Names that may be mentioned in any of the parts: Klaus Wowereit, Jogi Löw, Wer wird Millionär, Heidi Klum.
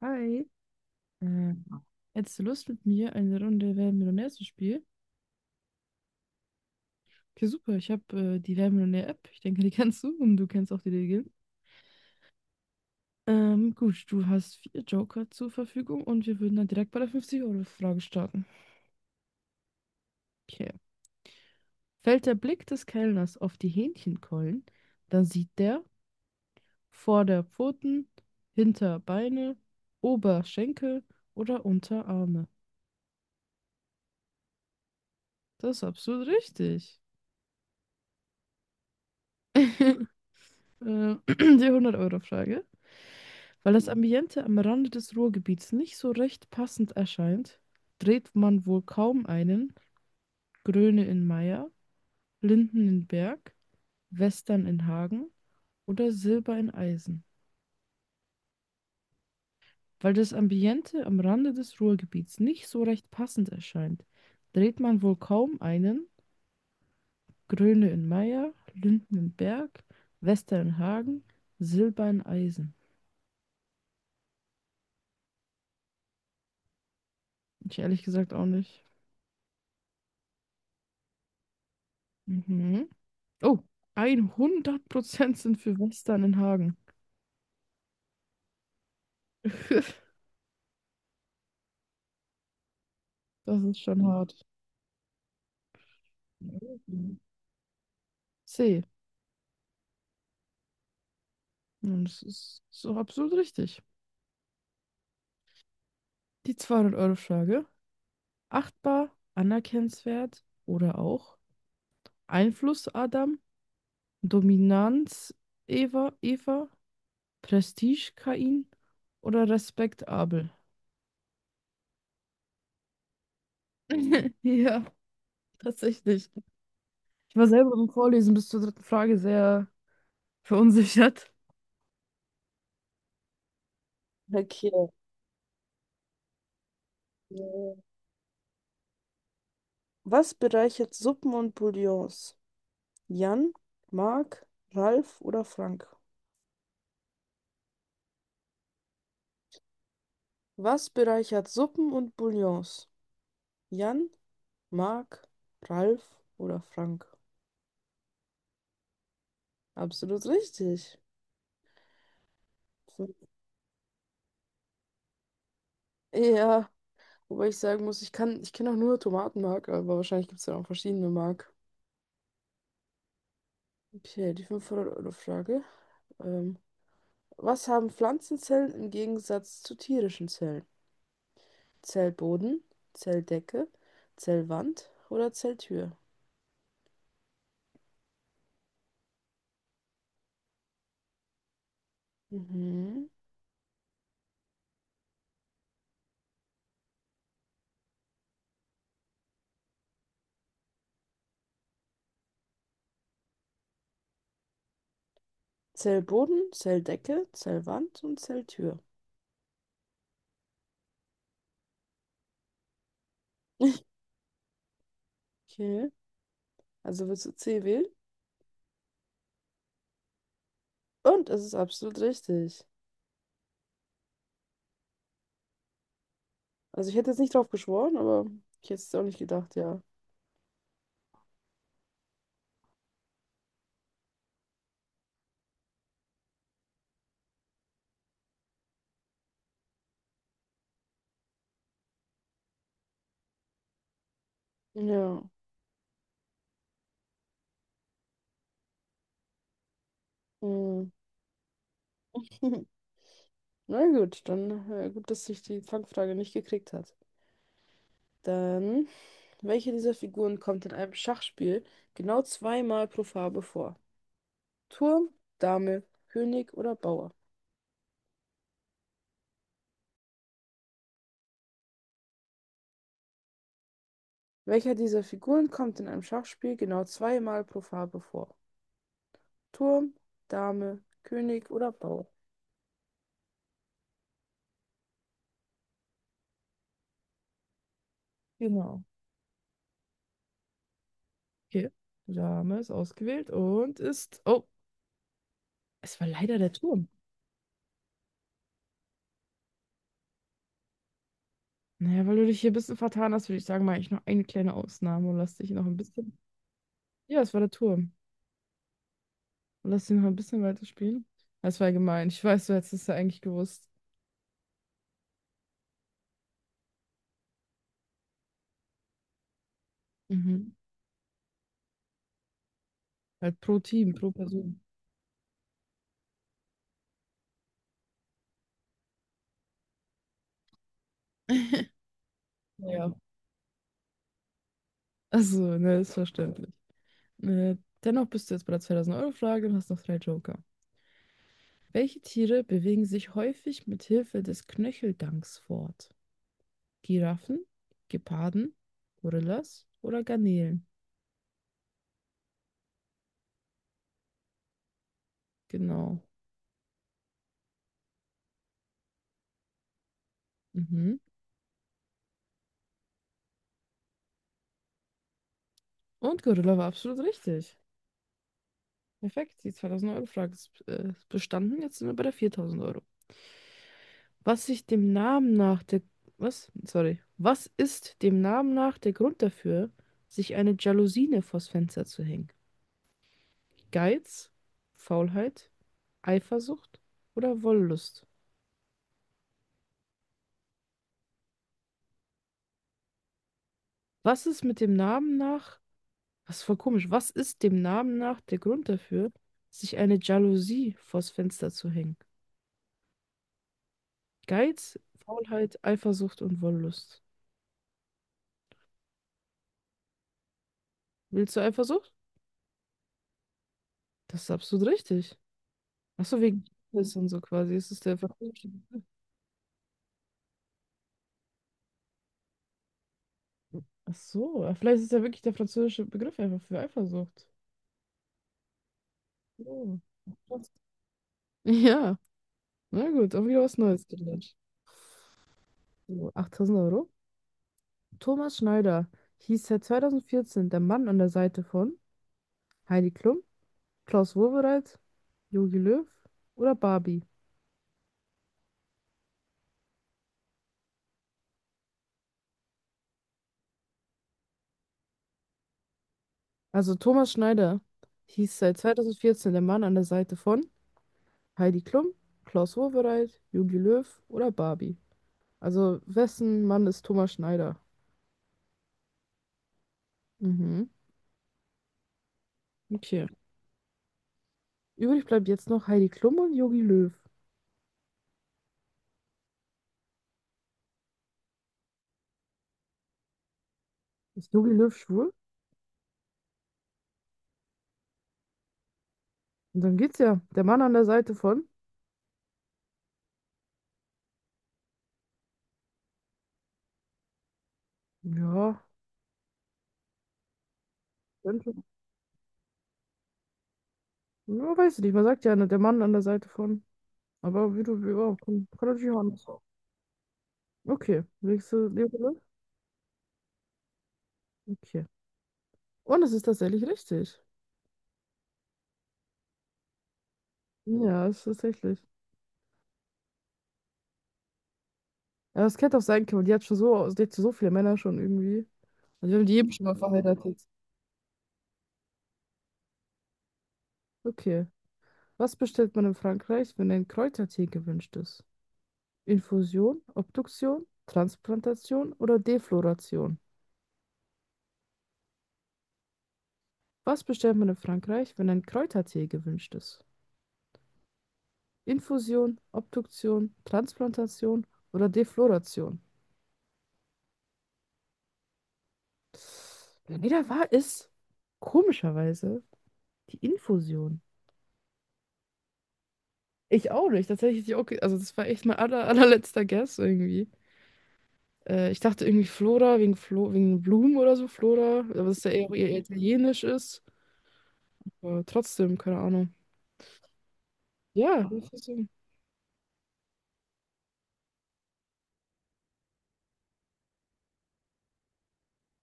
Hi. Äh, hättest du Lust mit mir eine Runde Wer wird Millionär zu spielen? Okay, super. Ich habe die Wer wird Millionär App. Ich denke, die kennst du und du kennst auch die Regeln. Gut, du hast vier Joker zur Verfügung und wir würden dann direkt bei der 50-Euro-Frage starten. Okay. Fällt der Blick des Kellners auf die Hähnchenkeulen, dann sieht der Vorderpfoten, Hinterbeine, Oberschenkel oder Unterarme. Das ist absolut richtig. Die 100-Euro-Frage. Weil das Ambiente am Rande des Ruhrgebiets nicht so recht passend erscheint, dreht man wohl kaum einen Gröne in Meier, Linden in Berg, Western in Hagen oder Silber in Eisen. Weil das Ambiente am Rande des Ruhrgebiets nicht so recht passend erscheint, dreht man wohl kaum einen Gröne in Meier, Linden in Berg, Western in Hagen, Silber in Eisen. Ich ehrlich gesagt auch nicht. Mhm. Oh, 100% sind für Western in Hagen. Das ist schon hart. C. Und das ist so absolut richtig. Die 200-Euro-Frage. Achtbar, anerkennenswert oder auch Einfluss Adam, Dominanz Eva, Prestige Kain oder respektabel? Ja, tatsächlich. Ich war selber beim Vorlesen bis zur dritten Frage sehr verunsichert. Okay. Was bereichert Suppen und Bouillons? Jan, Mark, Ralf oder Frank? Was bereichert Suppen und Bouillons? Jan, Mark, Ralf oder Frank? Absolut richtig. Ja, wobei ich sagen muss, ich kenne auch nur Tomatenmark, aber wahrscheinlich gibt es ja auch verschiedene Mark. Okay, die 500-Euro-Frage. Ähm, was haben Pflanzenzellen im Gegensatz zu tierischen Zellen? Zellboden, Zelldecke, Zellwand oder Zelltür? Mhm. Zellboden, Zelldecke, Zellwand und Zelltür. Okay, also willst du C wählen? Und es ist absolut richtig. Also ich hätte jetzt nicht drauf geschworen, aber ich hätte es auch nicht gedacht, ja. Ja. Mhm. Na gut, dann gut, dass ich die Fangfrage nicht gekriegt hat. Dann, welche dieser Figuren kommt in einem Schachspiel genau zweimal pro Farbe vor? Turm, Dame, König oder Bauer? Welcher dieser Figuren kommt in einem Schachspiel genau zweimal pro Farbe vor? Turm, Dame, König oder Bauer. Genau. Okay. Dame ist ausgewählt und ist. Oh, es war leider der Turm. Naja, weil du dich hier ein bisschen vertan hast, würde ich sagen, mache ich noch eine kleine Ausnahme und lass dich noch ein bisschen. Ja, es war der Turm. Und lass dich noch ein bisschen weiterspielen. Das war gemein. Ich weiß, du hättest es ja eigentlich gewusst. Mhm. Halt pro Team, pro Person. Ja. Also, ne, ist verständlich. Äh, dennoch bist du jetzt bei der 2000-Euro-Frage und hast noch drei Joker. Welche Tiere bewegen sich häufig mit Hilfe des Knöcheldanks fort? Giraffen, Geparden, Gorillas oder Garnelen? Genau. Mhm. Und Gorilla war absolut richtig. Perfekt, die 2000-Euro-Frage ist bestanden. Jetzt sind wir bei der 4000 Euro. Was sich dem Namen nach der... Was? Sorry. Was ist dem Namen nach der Grund dafür, sich eine Jalousine vors Fenster zu hängen? Geiz, Faulheit, Eifersucht oder Wollust? Was ist mit dem Namen nach? Das ist voll komisch. Was ist dem Namen nach der Grund dafür, sich eine Jalousie vors Fenster zu hängen? Geiz, Faulheit, Eifersucht und Wollust. Willst du Eifersucht? Das ist absolut richtig. Ach so, wegen Liebes und so quasi. Ist es der französische Begriff? Ach so, ja, vielleicht ist ja wirklich der französische Begriff einfach für Eifersucht. So. Ja, na gut, auch wieder was Neues gelernt. So, 8000 Euro. Thomas Schneider hieß seit 2014 der Mann an der Seite von Heidi Klum, Klaus Wowereit, Jogi Löw oder Barbie? Also Thomas Schneider hieß seit 2014 der Mann an der Seite von Heidi Klum, Klaus Wowereit, Jogi Löw oder Barbie. Also wessen Mann ist Thomas Schneider? Mhm, okay. Übrig bleibt jetzt noch Heidi Klum und Jogi Löw. Ist Jogi Löw schwul? Und dann geht's ja. Der Mann an der Seite von? Ja, könnte. Ja, weiß ich nicht. Man sagt ja, ne, der Mann an der Seite von. Aber wie du, ja, kann natürlich auch anders. Okay, nächste Nebula. Okay. Und es ist tatsächlich richtig. Ja, es ist tatsächlich. Ja, es hätte auch sein können. Die hat schon so, die hat so viele Männer schon irgendwie. Also wir haben die eben schon mal verheiratet. Okay. Was bestellt man in Frankreich, wenn ein Kräutertee gewünscht ist? Infusion, Obduktion, Transplantation oder Defloration? Was bestellt man in Frankreich, wenn ein Kräutertee gewünscht ist? Infusion, Obduktion, Transplantation oder Defloration? Leider war es komischerweise die Infusion. Ich auch nicht. Tatsächlich, die- okay, also das war echt mein aller, allerletzter Guess irgendwie. Ich dachte irgendwie Flora wegen, wegen Blumen oder so, Flora, aber dass der eher italienisch ist. Aber trotzdem, keine Ahnung. Ja, Infusion.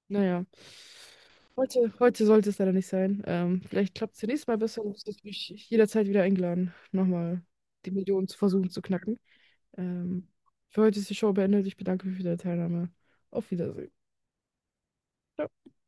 Naja. Heute, heute sollte es leider nicht sein. Vielleicht klappt es nächstes Mal besser und du bist mich jederzeit wieder eingeladen, nochmal die Millionen zu versuchen zu knacken. Ähm, für heute ist die Show beendet. Ich bedanke mich für deine Teilnahme. Auf Wiedersehen. Ciao.